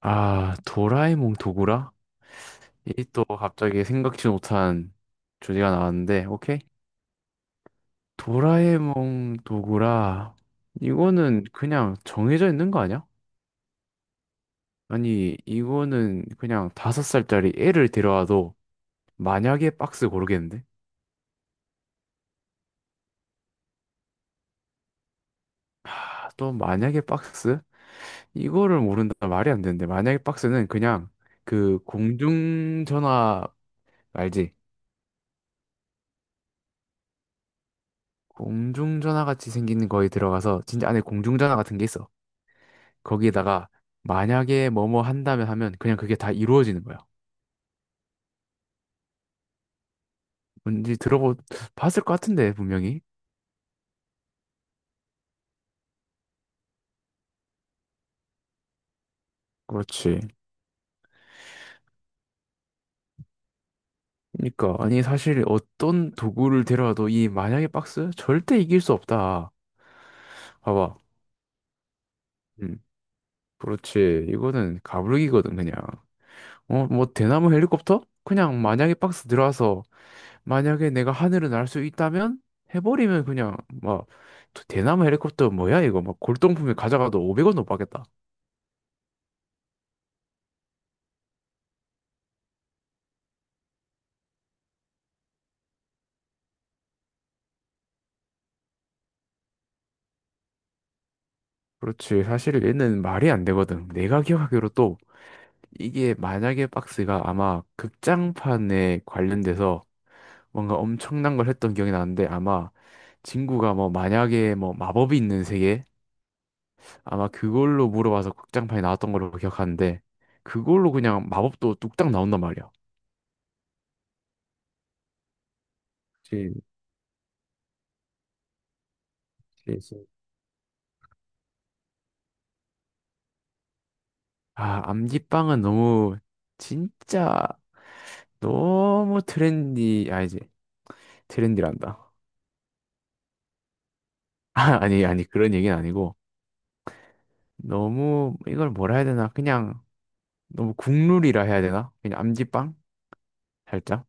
아, 도라에몽 도구라? 이 또 갑자기 생각지 못한 주제가 나왔는데, 오케이? 도라에몽 도구라. 이거는 그냥 정해져 있는 거 아니야? 아니, 이거는 그냥 다섯 살짜리 애를 데려와도 만약에 박스 고르겠는데? 아, 또 만약에 박스? 이거를 모른다 말이 안 되는데, 만약에 박스는 그냥 그 공중전화 알지? 공중전화 같이 생기는 거에 들어가서 진짜 안에 공중전화 같은 게 있어. 거기에다가 만약에 뭐뭐 한다면 하면 그냥 그게 다 이루어지는 거야. 뭔지 들어보 봤을 것 같은데 분명히. 그렇지. 그러니까 아니 사실 어떤 도구를 데려와도 이 만약에 박스 절대 이길 수 없다. 봐봐. 음. 그렇지. 이거는 가불기거든 그냥. 어, 뭐 대나무 헬리콥터? 그냥 만약에 박스 들어와서 만약에 내가 하늘을 날 수 있다면 해버리면 그냥 막 대나무 헬리콥터 뭐야 이거 막 골동품에 가져가도 500원도 못 받겠다. 그렇지. 사실 얘는 말이 안 되거든. 내가 기억하기로 또 이게 만약에 박스가 아마 극장판에 관련돼서 뭔가 엄청난 걸 했던 기억이 나는데 아마 친구가 뭐 만약에 뭐 마법이 있는 세계 아마 그걸로 물어봐서 극장판이 나왔던 걸로 기억하는데 그걸로 그냥 마법도 뚝딱 나온단 말이야. 그치, 그치. 아, 암기빵은 너무 진짜 너무 트렌디 아니지. 트렌디란다. 아, 아니 그런 얘기는 아니고 너무 이걸 뭐라 해야 되나? 그냥 너무 국룰이라 해야 되나? 그냥 암지빵? 살짝?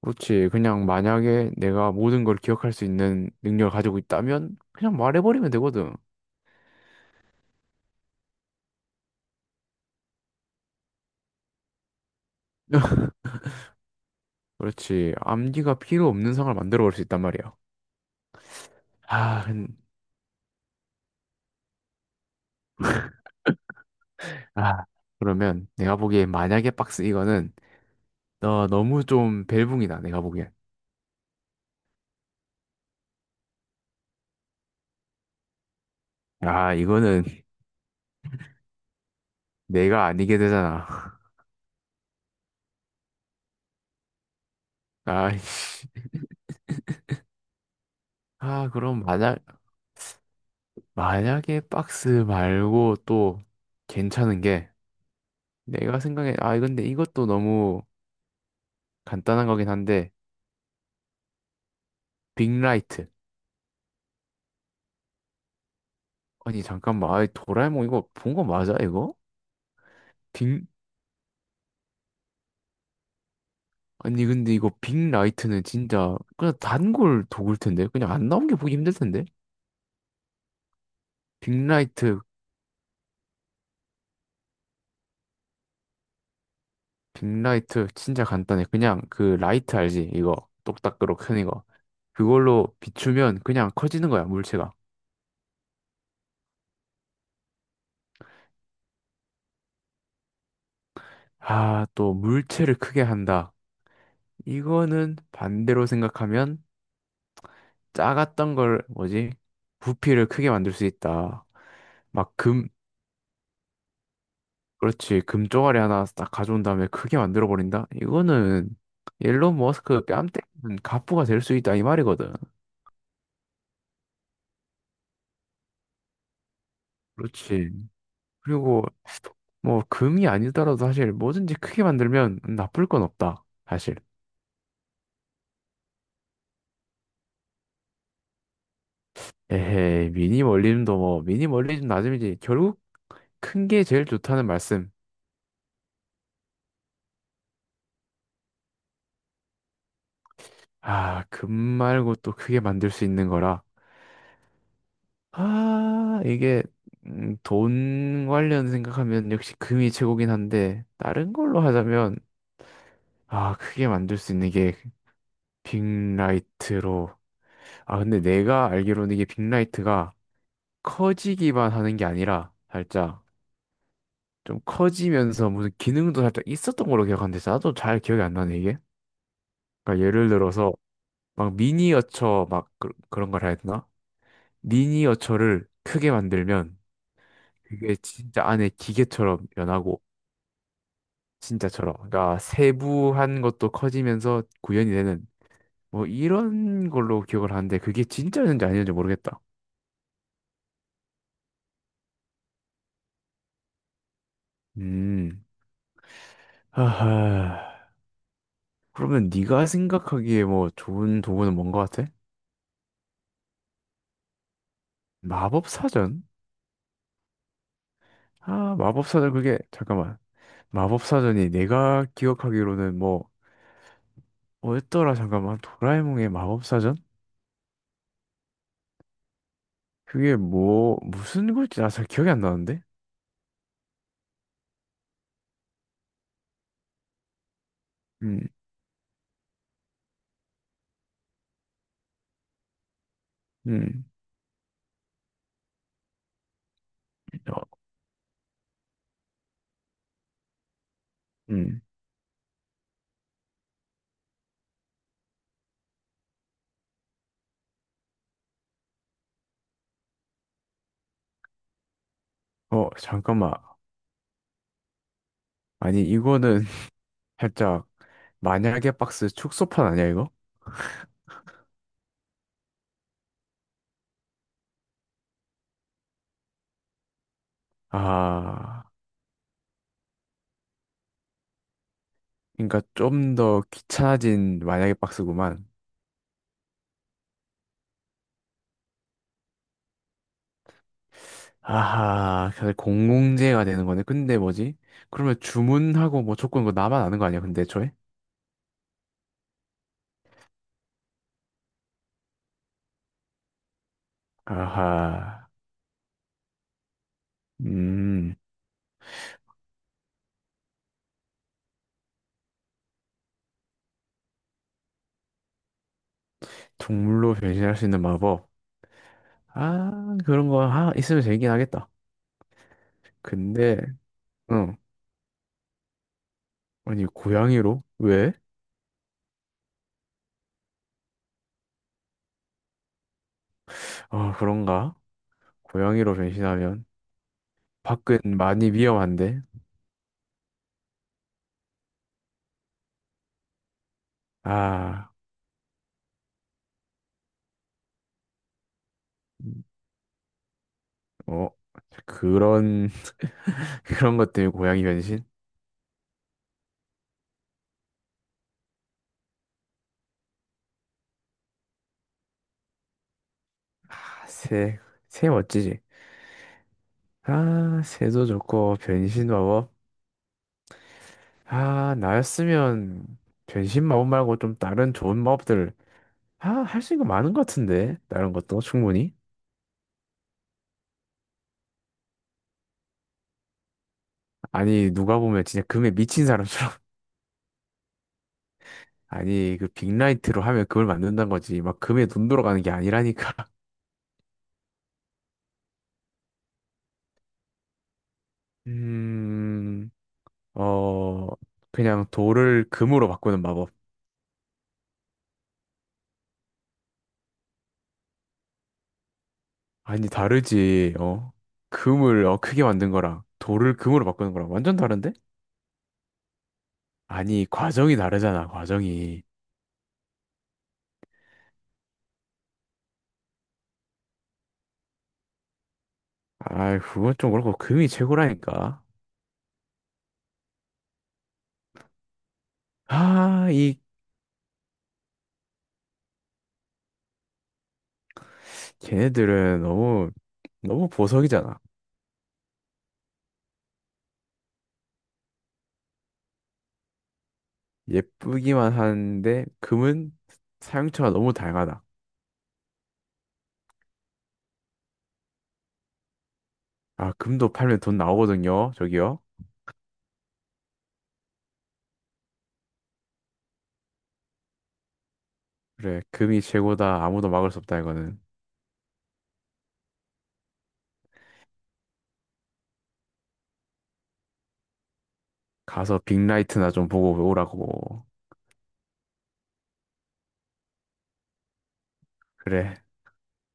그렇지. 그냥 만약에 내가 모든 걸 기억할 수 있는 능력을 가지고 있다면 그냥 말해버리면 되거든. 그렇지. 암기가 필요 없는 상을 만들어 볼 수 있단 말이야. 아, 근- 아, 그러면 내가 보기엔 만약에 박스 이거는 너 너무 좀 벨붕이다. 내가 보기엔. 아, 이거는 내가 아니게 되잖아. 아, 아, 그럼 만약에 박스 말고 또 괜찮은 게 내가 생각해 아 근데 이것도 너무 간단한 거긴 한데 빅라이트. 아니 잠깐만, 아 도라에몽 이거 본 거 맞아, 이거? 빅 아니 근데 이거 빅라이트는 진짜 그냥 단골 도구일 텐데 그냥 안 나온 게 보기 힘들 텐데. 빅라이트. 빅라이트 진짜 간단해. 그냥 그 라이트 알지, 이거 똑딱으로 큰 이거. 그걸로 비추면 그냥 커지는 거야 물체가. 아 또 물체를 크게 한다, 이거는 반대로 생각하면 작았던 걸 뭐지? 부피를 크게 만들 수 있다. 막 금, 그렇지. 금 쪼가리 하나 딱 가져온 다음에 크게 만들어 버린다. 이거는 일론 머스크 뺨 때리는 갑부가 될 수 있다 이 말이거든. 그렇지. 그리고 뭐 금이 아니더라도 사실 뭐든지 크게 만들면 나쁠 건 없다. 사실. 에헤이 미니멀리즘도 뭐 미니멀리즘 나름이지 결국 큰 게 제일 좋다는 말씀. 아, 금 말고 또 크게 만들 수 있는 거라. 아, 이게 돈 관련 생각하면 역시 금이 최고긴 한데 다른 걸로 하자면 아, 크게 만들 수 있는 게 빅라이트로. 아, 근데 내가 알기로는 이게 빅라이트가 커지기만 하는 게 아니라 살짝 좀 커지면서 무슨 기능도 살짝 있었던 걸로 기억하는데 나도 잘 기억이 안 나네, 이게. 그러니까 예를 들어서 막 미니어처 막 그런 걸 해야 되나? 미니어처를 크게 만들면 그게 진짜 안에 기계처럼 변하고 진짜처럼 그러니까 세부한 것도 커지면서 구현이 되는 뭐 이런 걸로 기억을 하는데 그게 진짜였는지 아니었는지 모르겠다. 음. 하하. 그러면 네가 생각하기에 뭐 좋은 도구는 뭔 것 같아? 마법사전? 아, 마법사전 그게 잠깐만. 마법사전이 내가 기억하기로는 뭐 뭐였더라 잠깐만. 도라에몽의 마법사전? 그게 뭐 무슨 글지 나 잘 기억이 안 나는데. 음. 음. 어, 음. 어, 잠깐만. 아니, 이거는 살짝 만약에 박스 축소판 아니야, 이거? 아, 그러니까 좀 더 귀찮아진 만약에 박스구만. 아하, 사실 공공재가 되는 거네. 근데 뭐지? 그러면 주문하고 뭐 조건 그거 나만 아는 거 아니야, 근데 애초에? 아하, 음, 동물로 변신할 수 있는 마법. 아, 그런 거 하, 있으면 재밌긴 하겠다. 근데, 응, 아니, 고양이로? 왜? 아, 그런가? 고양이로 변신하면? 밖은 많이 위험한데. 아, 어, 그런, 그런 것 때문에 고양이 변신? 아, 새, 새 멋지지. 아, 새도 좋고, 변신 마법. 아, 나였으면 변신 마법 말고 좀 다른 좋은 마법들, 아, 할 수 있는 거 많은 것 같은데. 다른 것도 충분히. 아니, 누가 보면 진짜 금에 미친 사람처럼. 아니, 그 빅라이트로 하면 금을 만든다는 거지. 막 금에 눈 돌아가는 게 아니라니까. 음. 어, 그냥 돌을 금으로 바꾸는 마법. 아니, 다르지, 어. 금을 어, 크게 만든 거랑 돌을 금으로 바꾸는 거랑 완전 다른데? 아니, 과정이 다르잖아, 과정이. 아이, 그건 좀 그렇고, 금이 최고라니까. 아, 이, 걔네들은 너무, 너무 보석이잖아. 예쁘기만 하는데, 금은 사용처가 너무 다양하다. 아, 금도 팔면 돈 나오거든요, 저기요. 그래, 금이 최고다. 아무도 막을 수 없다, 이거는. 가서 빅라이트나 좀 보고 오라고. 그래.